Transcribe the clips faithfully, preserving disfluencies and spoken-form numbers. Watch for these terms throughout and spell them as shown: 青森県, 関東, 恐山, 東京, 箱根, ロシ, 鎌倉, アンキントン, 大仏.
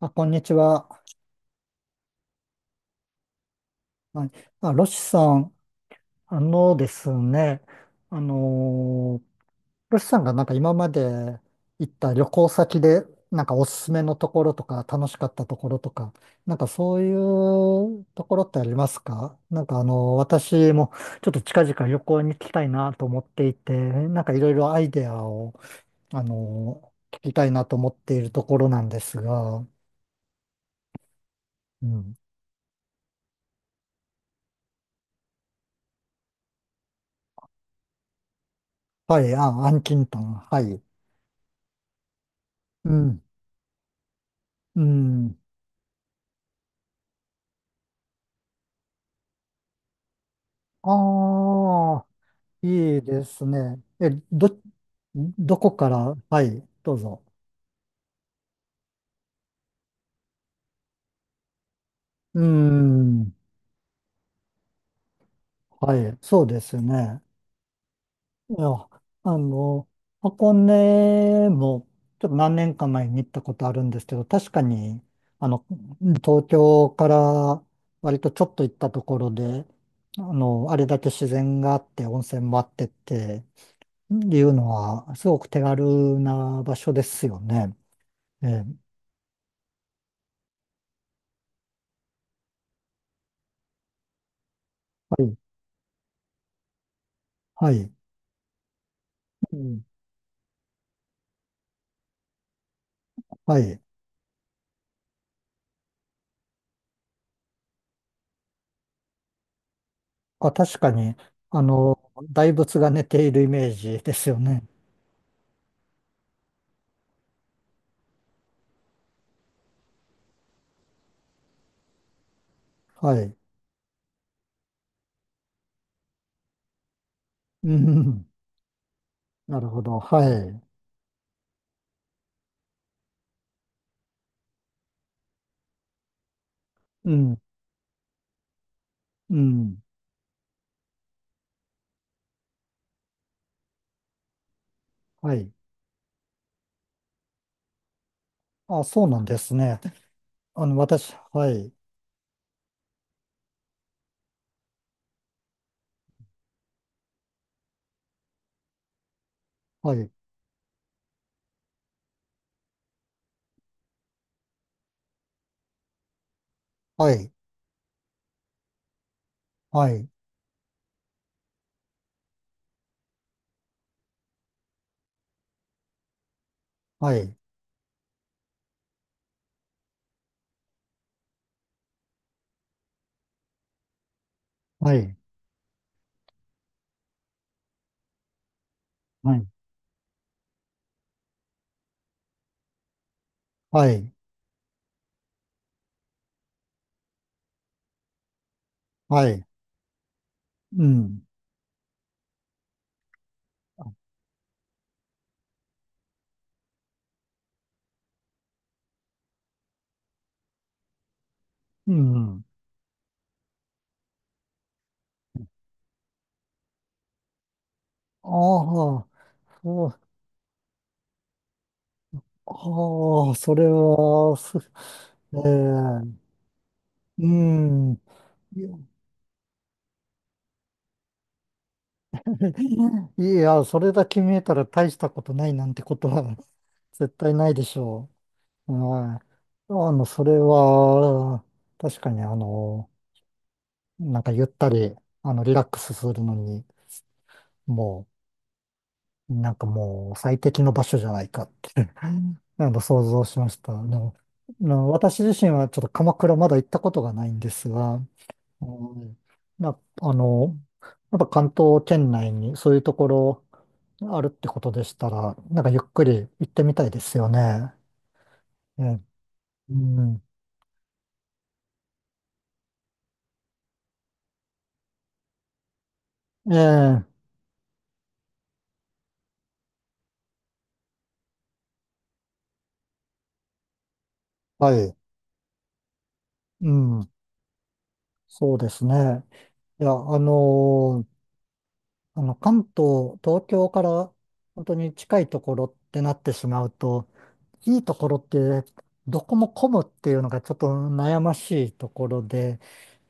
あ、こんにちは。はい。あ、ロシさん、あのですね、あのーロシさんがなんか今まで行った旅行先で、なんかおすすめのところとか、楽しかったところとか、なんかそういうところってありますか？なんかあのー私もちょっと近々旅行に行きたいなと思っていて、なんかいろいろアイデアを、あのー聞きたいなと思っているところなんですが。うん。はい、あ、アンキントン、はい。うん。うん。ああ、いいですね。え、ど、どこから、はい、どうぞ。うーん。はい、そうですね。いや、あの、箱根も、ちょっと何年か前に行ったことあるんですけど、確かに、あの、東京から割とちょっと行ったところで、あの、あれだけ自然があって、温泉もあってっていうのは、すごく手軽な場所ですよね。ええ、はいはい。うん、はい。あ、確かに、あの、大仏が寝ているイメージですよね。はい。うん。なるほど。はい。うん。うん。はい。あ、そうなんですね。あの、私、はい。はい。はい。はい。はい。はい。はい。はい。はい。うん。うん。ああ、そう、ああ、それは、すええ、うん。いや、 いや、それだけ見えたら大したことないなんてことは 絶対ないでしょう。はい。あの、それは、確かにあの、なんかゆったり、あの、リラックスするのに、もう、なんかもう最適の場所じゃないかって あの、想像しました。あの、あの私自身はちょっと鎌倉まだ行ったことがないんですが、うん、な、あの、やっぱ関東圏内にそういうところあるってことでしたら、なんかゆっくり行ってみたいですよね。ええ、うん、ええ、はい、うん、そうですね。いや、あのーあの、関東、東京から本当に近いところってなってしまうと、いいところってどこも混むっていうのがちょっと悩ましいところで、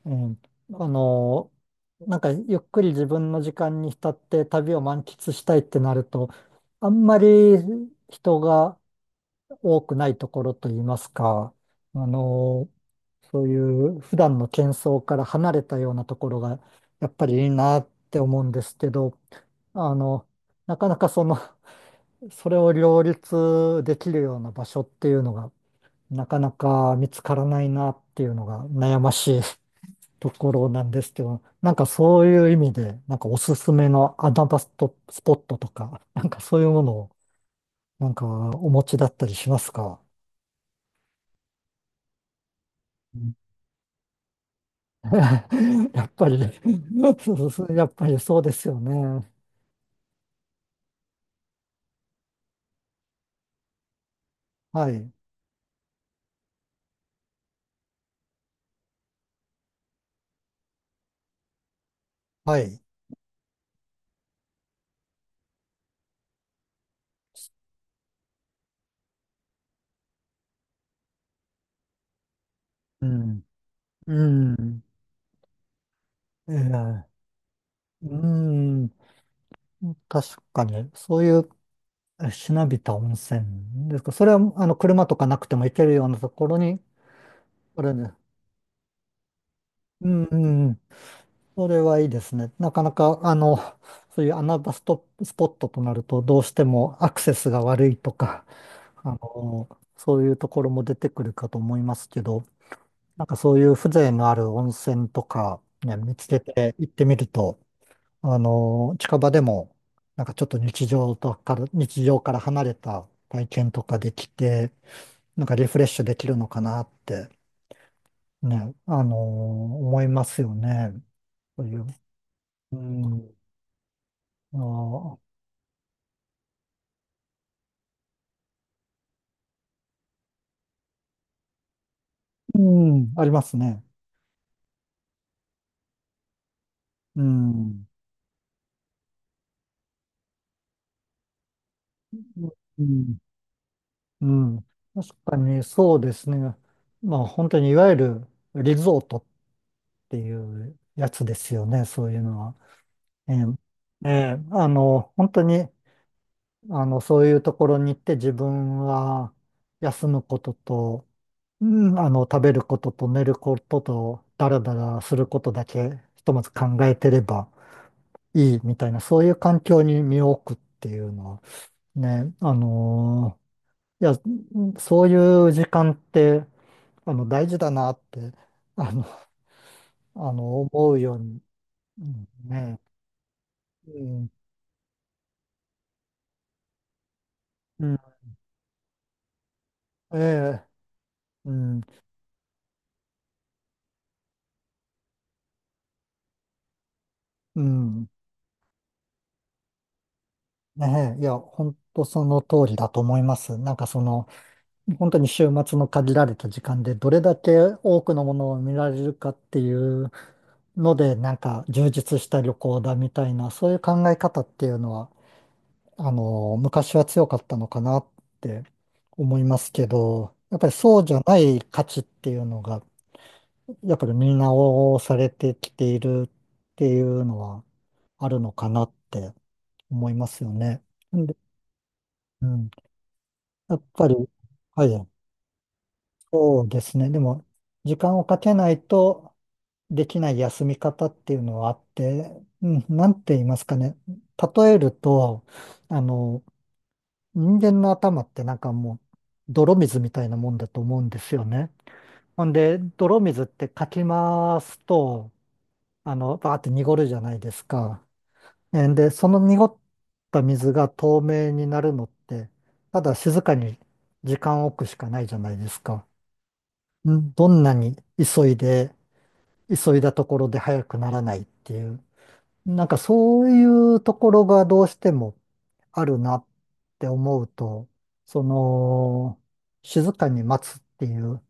ええ、あの、なんかゆっくり自分の時間に浸って旅を満喫したいってなると、あんまり人が多くないところといいますか、あの、そういう普段の喧騒から離れたようなところがやっぱりいいなって思うんですけど、あの、なかなかその、それを両立できるような場所っていうのが、なかなか見つからないなっていうのが悩ましいところなんですけど、なんかそういう意味で、なんかおすすめの穴場ストスポットとか、なんかそういうものを、なんかお持ちだったりしますか？うん。 やっぱりそうそう、やっぱりそうですよね。はい、はい。うん、うん、ええ、うん、確かに、そういうえしなびた温泉ですか？それは、あの、車とかなくても行けるようなところに、これね、うん、うん、それはいいですね。なかなか、あの、そういう穴場ストップ、スポットとなると、どうしてもアクセスが悪いとか、あの、そういうところも出てくるかと思いますけど、なんかそういう風情のある温泉とか、ね、見つけて行ってみると、あの、近場でも、なんかちょっと日常とから、日常から離れた体験とかできて、なんかリフレッシュできるのかなって、ね、あの、思いますよね。そういう。うん、ああ、うん、ありますね。うん、うん、うん。確かにねそうですね。まあ本当にいわゆるリゾートっていうやつですよね、そういうのは。ええ、ええ、あの、本当に、あの、そういうところに行って自分は休むことと、うん、あの、食べることと寝ることと、だらだらすることだけ、ひとまず考えてればいいみたいな、そういう環境に身を置くっていうのは、ね、あのーいや、そういう時間って、あの、大事だなって、あの、あの、思うように、うんね、うん、うん、ええ、うん、うん、ねえ、いや、本当その通りだと思います。なんかその、本当に週末の限られた時間でどれだけ多くのものを見られるかっていうので、なんか充実した旅行だみたいな、そういう考え方っていうのは、あの、昔は強かったのかなって思いますけど、やっぱりそうじゃない価値っていうのが、やっぱり見直されてきているっていうのはあるのかなって思いますよね。なんで、うん、やっぱり、はい、そうですね。でも、時間をかけないとできない休み方っていうのはあって、うん、なんて言いますかね。例えると、あの、人間の頭ってなんかもう泥水みたいなもんだと思うんですよね。ほんで、泥水ってかき回すと、あの、バーって濁るじゃないですか。えーで、その濁った水が透明になるのって、ただ静かに時間を置くしかないじゃないですか。んどんなに急いで、急いだところで早くならないっていう。なんかそういうところがどうしてもあるなって思うと、その、静かに待つっていう、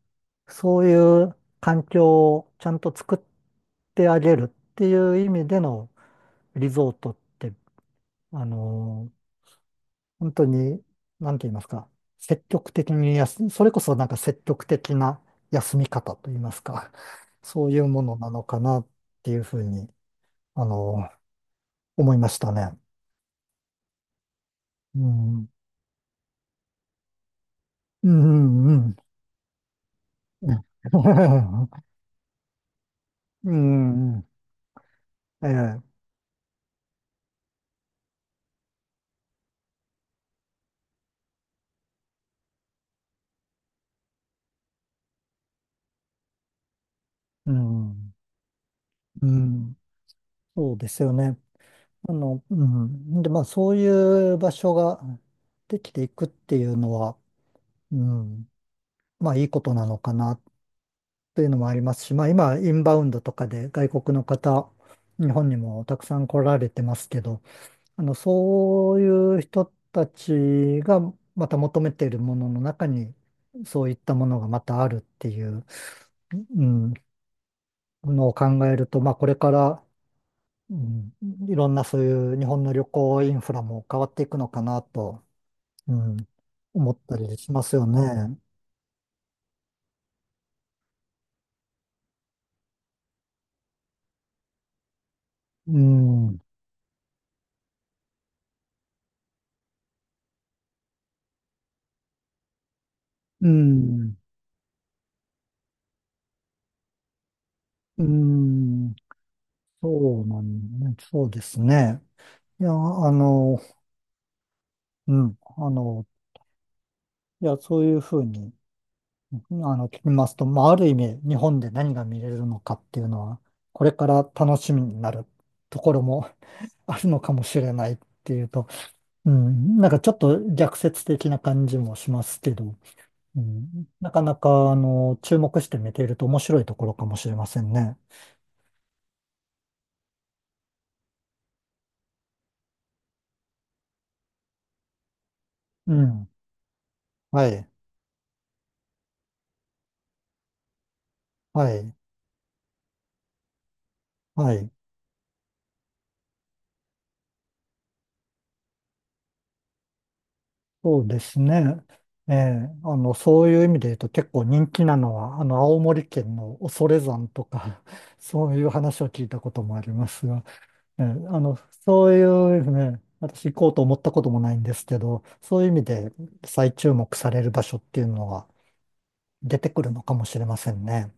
そういう環境をちゃんと作ってあげるっていう意味でのリゾートって、あの、本当に、なんて言いますか、積極的に休、それこそなんか積極的な休み方と言いますか、そういうものなのかなっていうふうに、あの、思いましたね。うんうんうん。うん。うん、ええ。うん。うん。そうですよね。あの、うん。で、まあ、そういう場所ができていくっていうのは、うん。まあ、いいことなのかなっていうのもありますし、まあ、今、インバウンドとかで外国の方、日本にもたくさん来られてますけど、あの、そういう人たちがまた求めているものの中に、そういったものがまたあるっていう。うんのを考えると、まあ、これから、うん、いろんなそういう日本の旅行インフラも変わっていくのかなと、うん、思ったりしますよね。うん、うん、うん、そうなんね、そうですね。いや、あの、うん、あの、いや、そういうふうに、うん、あの、聞きますと、まあ、ある意味、日本で何が見れるのかっていうのは、これから楽しみになるところも あるのかもしれないっていうと、うん、なんかちょっと逆説的な感じもしますけど、うん、なかなか、あの、注目して見ていると面白いところかもしれませんね。うん。はい。はい。はい。そうですね。ええ、あの、そういう意味で言うと結構人気なのは、あの、青森県の恐山とか、そういう話を聞いたこともありますが、ええ、あの、そういうね、私行こうと思ったこともないんですけど、そういう意味で再注目される場所っていうのは、出てくるのかもしれませんね。